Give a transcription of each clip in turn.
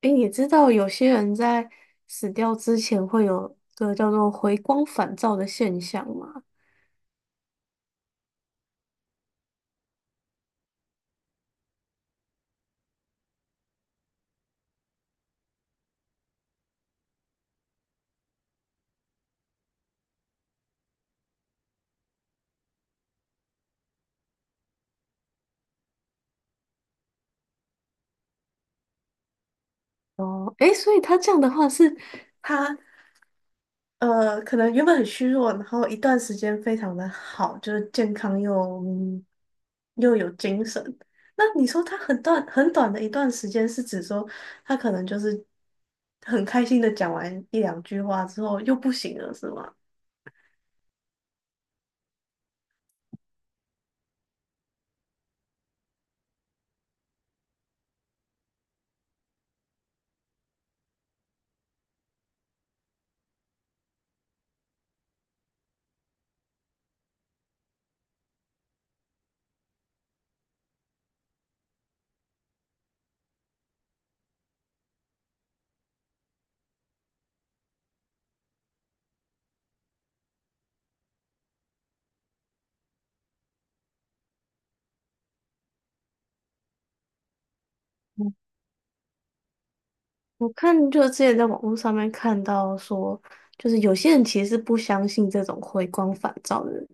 诶，你知道有些人在死掉之前会有个叫做回光返照的现象吗？哦，诶，所以他这样的话是他可能原本很虚弱，然后一段时间非常的好，就是健康又有精神。那你说他很短很短的一段时间，是指说他可能就是很开心的讲完一两句话之后又不行了，是吗？我看就之前在网络上面看到说，就是有些人其实是不相信这种回光返照的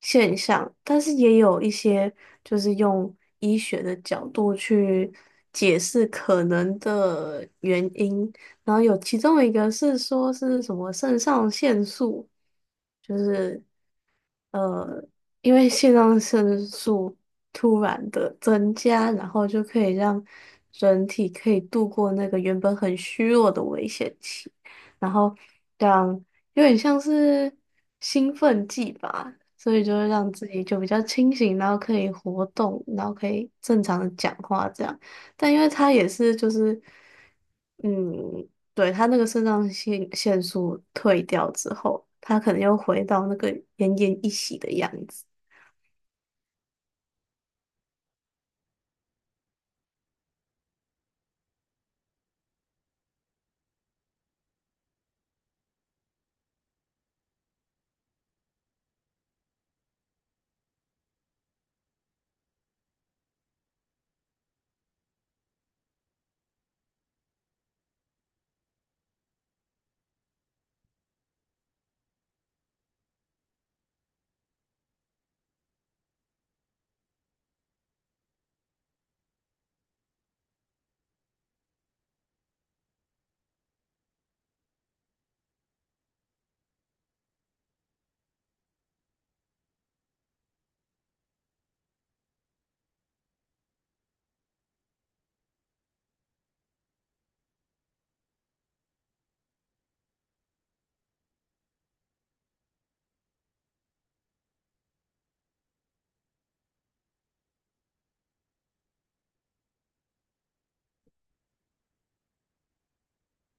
现象，但是也有一些就是用医学的角度去解释可能的原因，然后有其中一个是说是什么肾上腺素。就是。呃，因为肾上腺素突然的增加，然后就可以让人体可以度过那个原本很虚弱的危险期，然后让有点像是兴奋剂吧，所以就会让自己就比较清醒，然后可以活动，然后可以正常的讲话这样。但因为它也是就是，嗯。对，他那个肾上腺腺素退掉之后，他可能又回到那个奄奄一息的样子。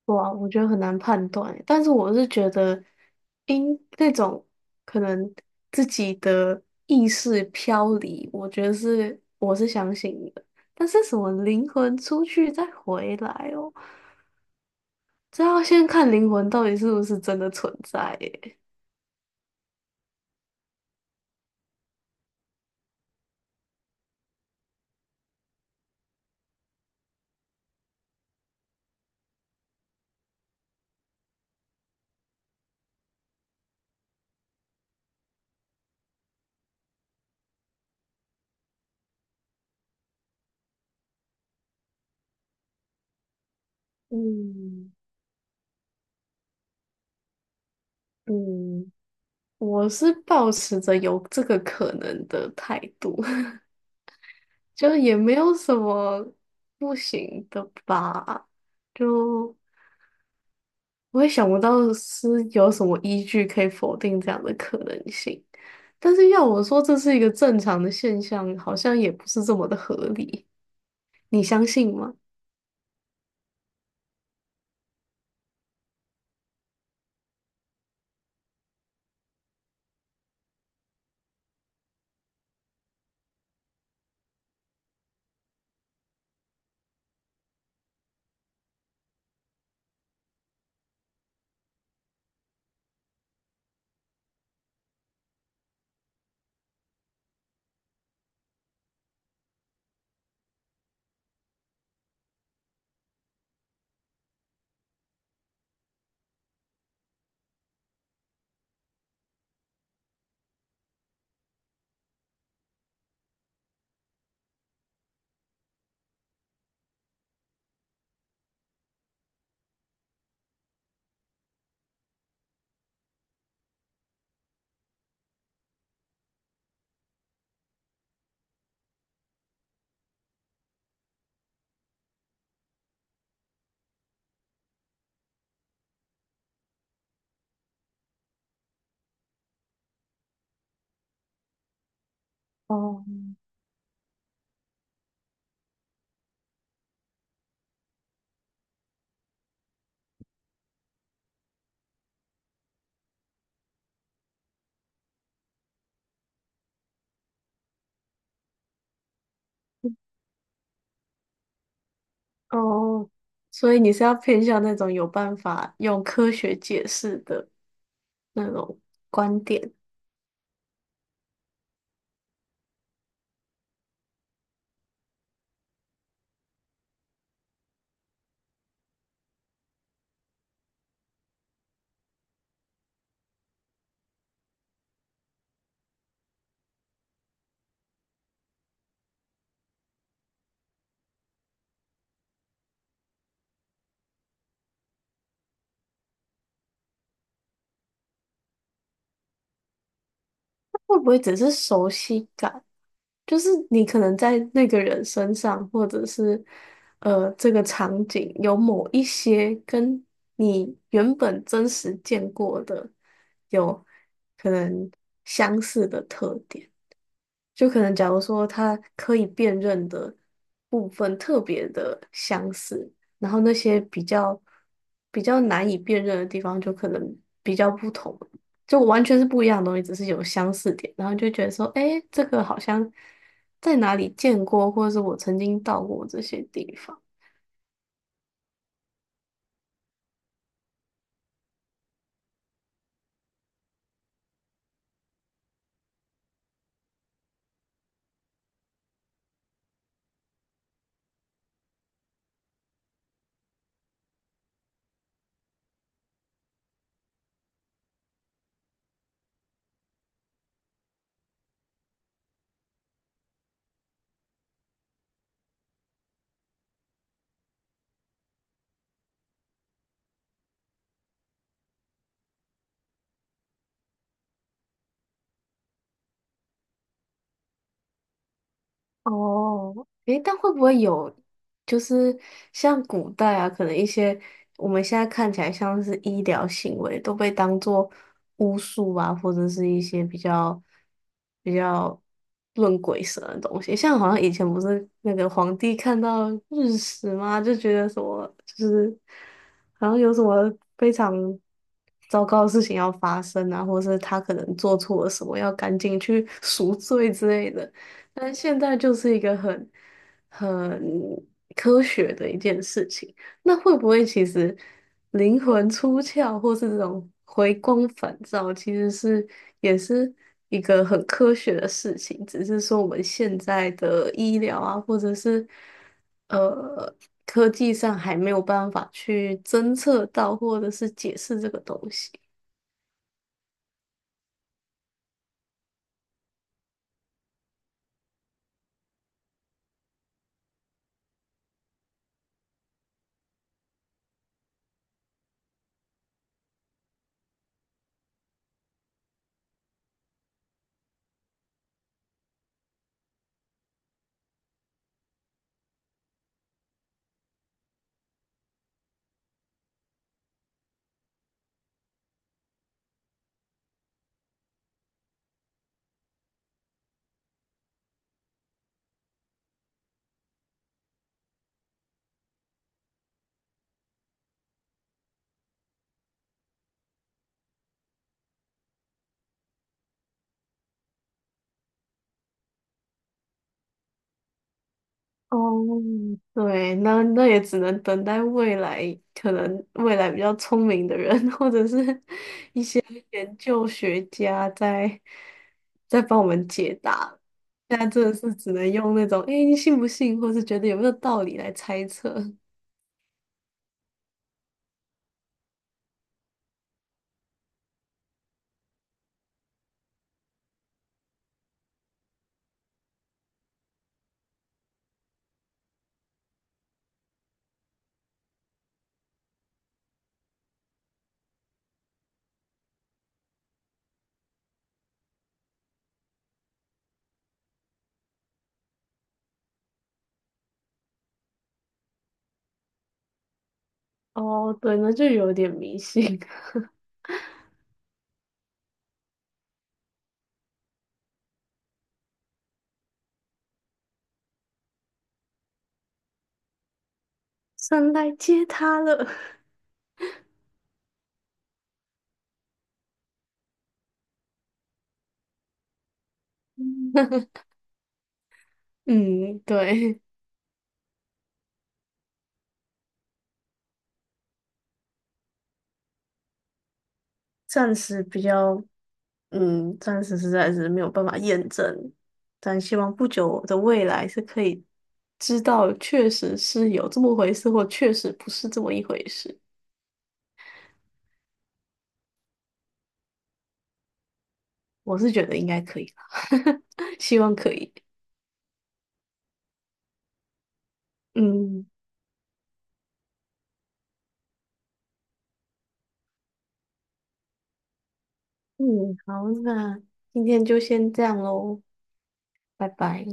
哇，我觉得很难判断欸，但是我是觉得，因那种可能自己的意识飘离，我觉得是我是相信的。但是什么灵魂出去再回来哦，这要先看灵魂到底是不是真的存在耶。嗯，嗯，我是抱持着有这个可能的态度。就也没有什么不行的吧，就我也想不到是有什么依据可以否定这样的可能性。但是要我说这是一个正常的现象，好像也不是这么的合理。你相信吗？哦，哦，所以你是要偏向那种有办法用科学解释的那种观点，会不会只是熟悉感？就是你可能在那个人身上，或者是这个场景有某一些跟你原本真实见过的有可能相似的特点。就可能假如说它可以辨认的部分特别的相似，然后那些比较难以辨认的地方就可能比较不同，就完全是不一样的东西，只是有相似点，然后就觉得说，诶，这个好像在哪里见过，或者是我曾经到过这些地方。哦，诶，但会不会有，就是像古代啊，可能一些我们现在看起来像是医疗行为，都被当做巫术啊，或者是一些比较论鬼神的东西。像好像以前不是那个皇帝看到日食吗，就觉得什么就是好像有什么非常糟糕的事情要发生啊，或者是他可能做错了什么，要赶紧去赎罪之类的。但现在就是一个很科学的一件事情。那会不会其实灵魂出窍，或是这种回光返照，其实是也是一个很科学的事情？只是说我们现在的医疗啊，或者是呃科技上还没有办法去侦测到，或者是解释这个东西。哦，对，那也只能等待未来，可能未来比较聪明的人，或者是 研究学家在帮我们解答。现在真的是只能用那种“诶，你信不信”或是觉得有没有道理来猜测。哦，对，那就有点迷信。神来接他了。嗯，对。暂时比较，嗯，暂时实在是没有办法验证，但希望不久的未来是可以知道确实是有这么回事，或确实不是这么一回事。我是觉得应该可以哈，希望可以。嗯，嗯，好，那今天就先这样喽，拜拜。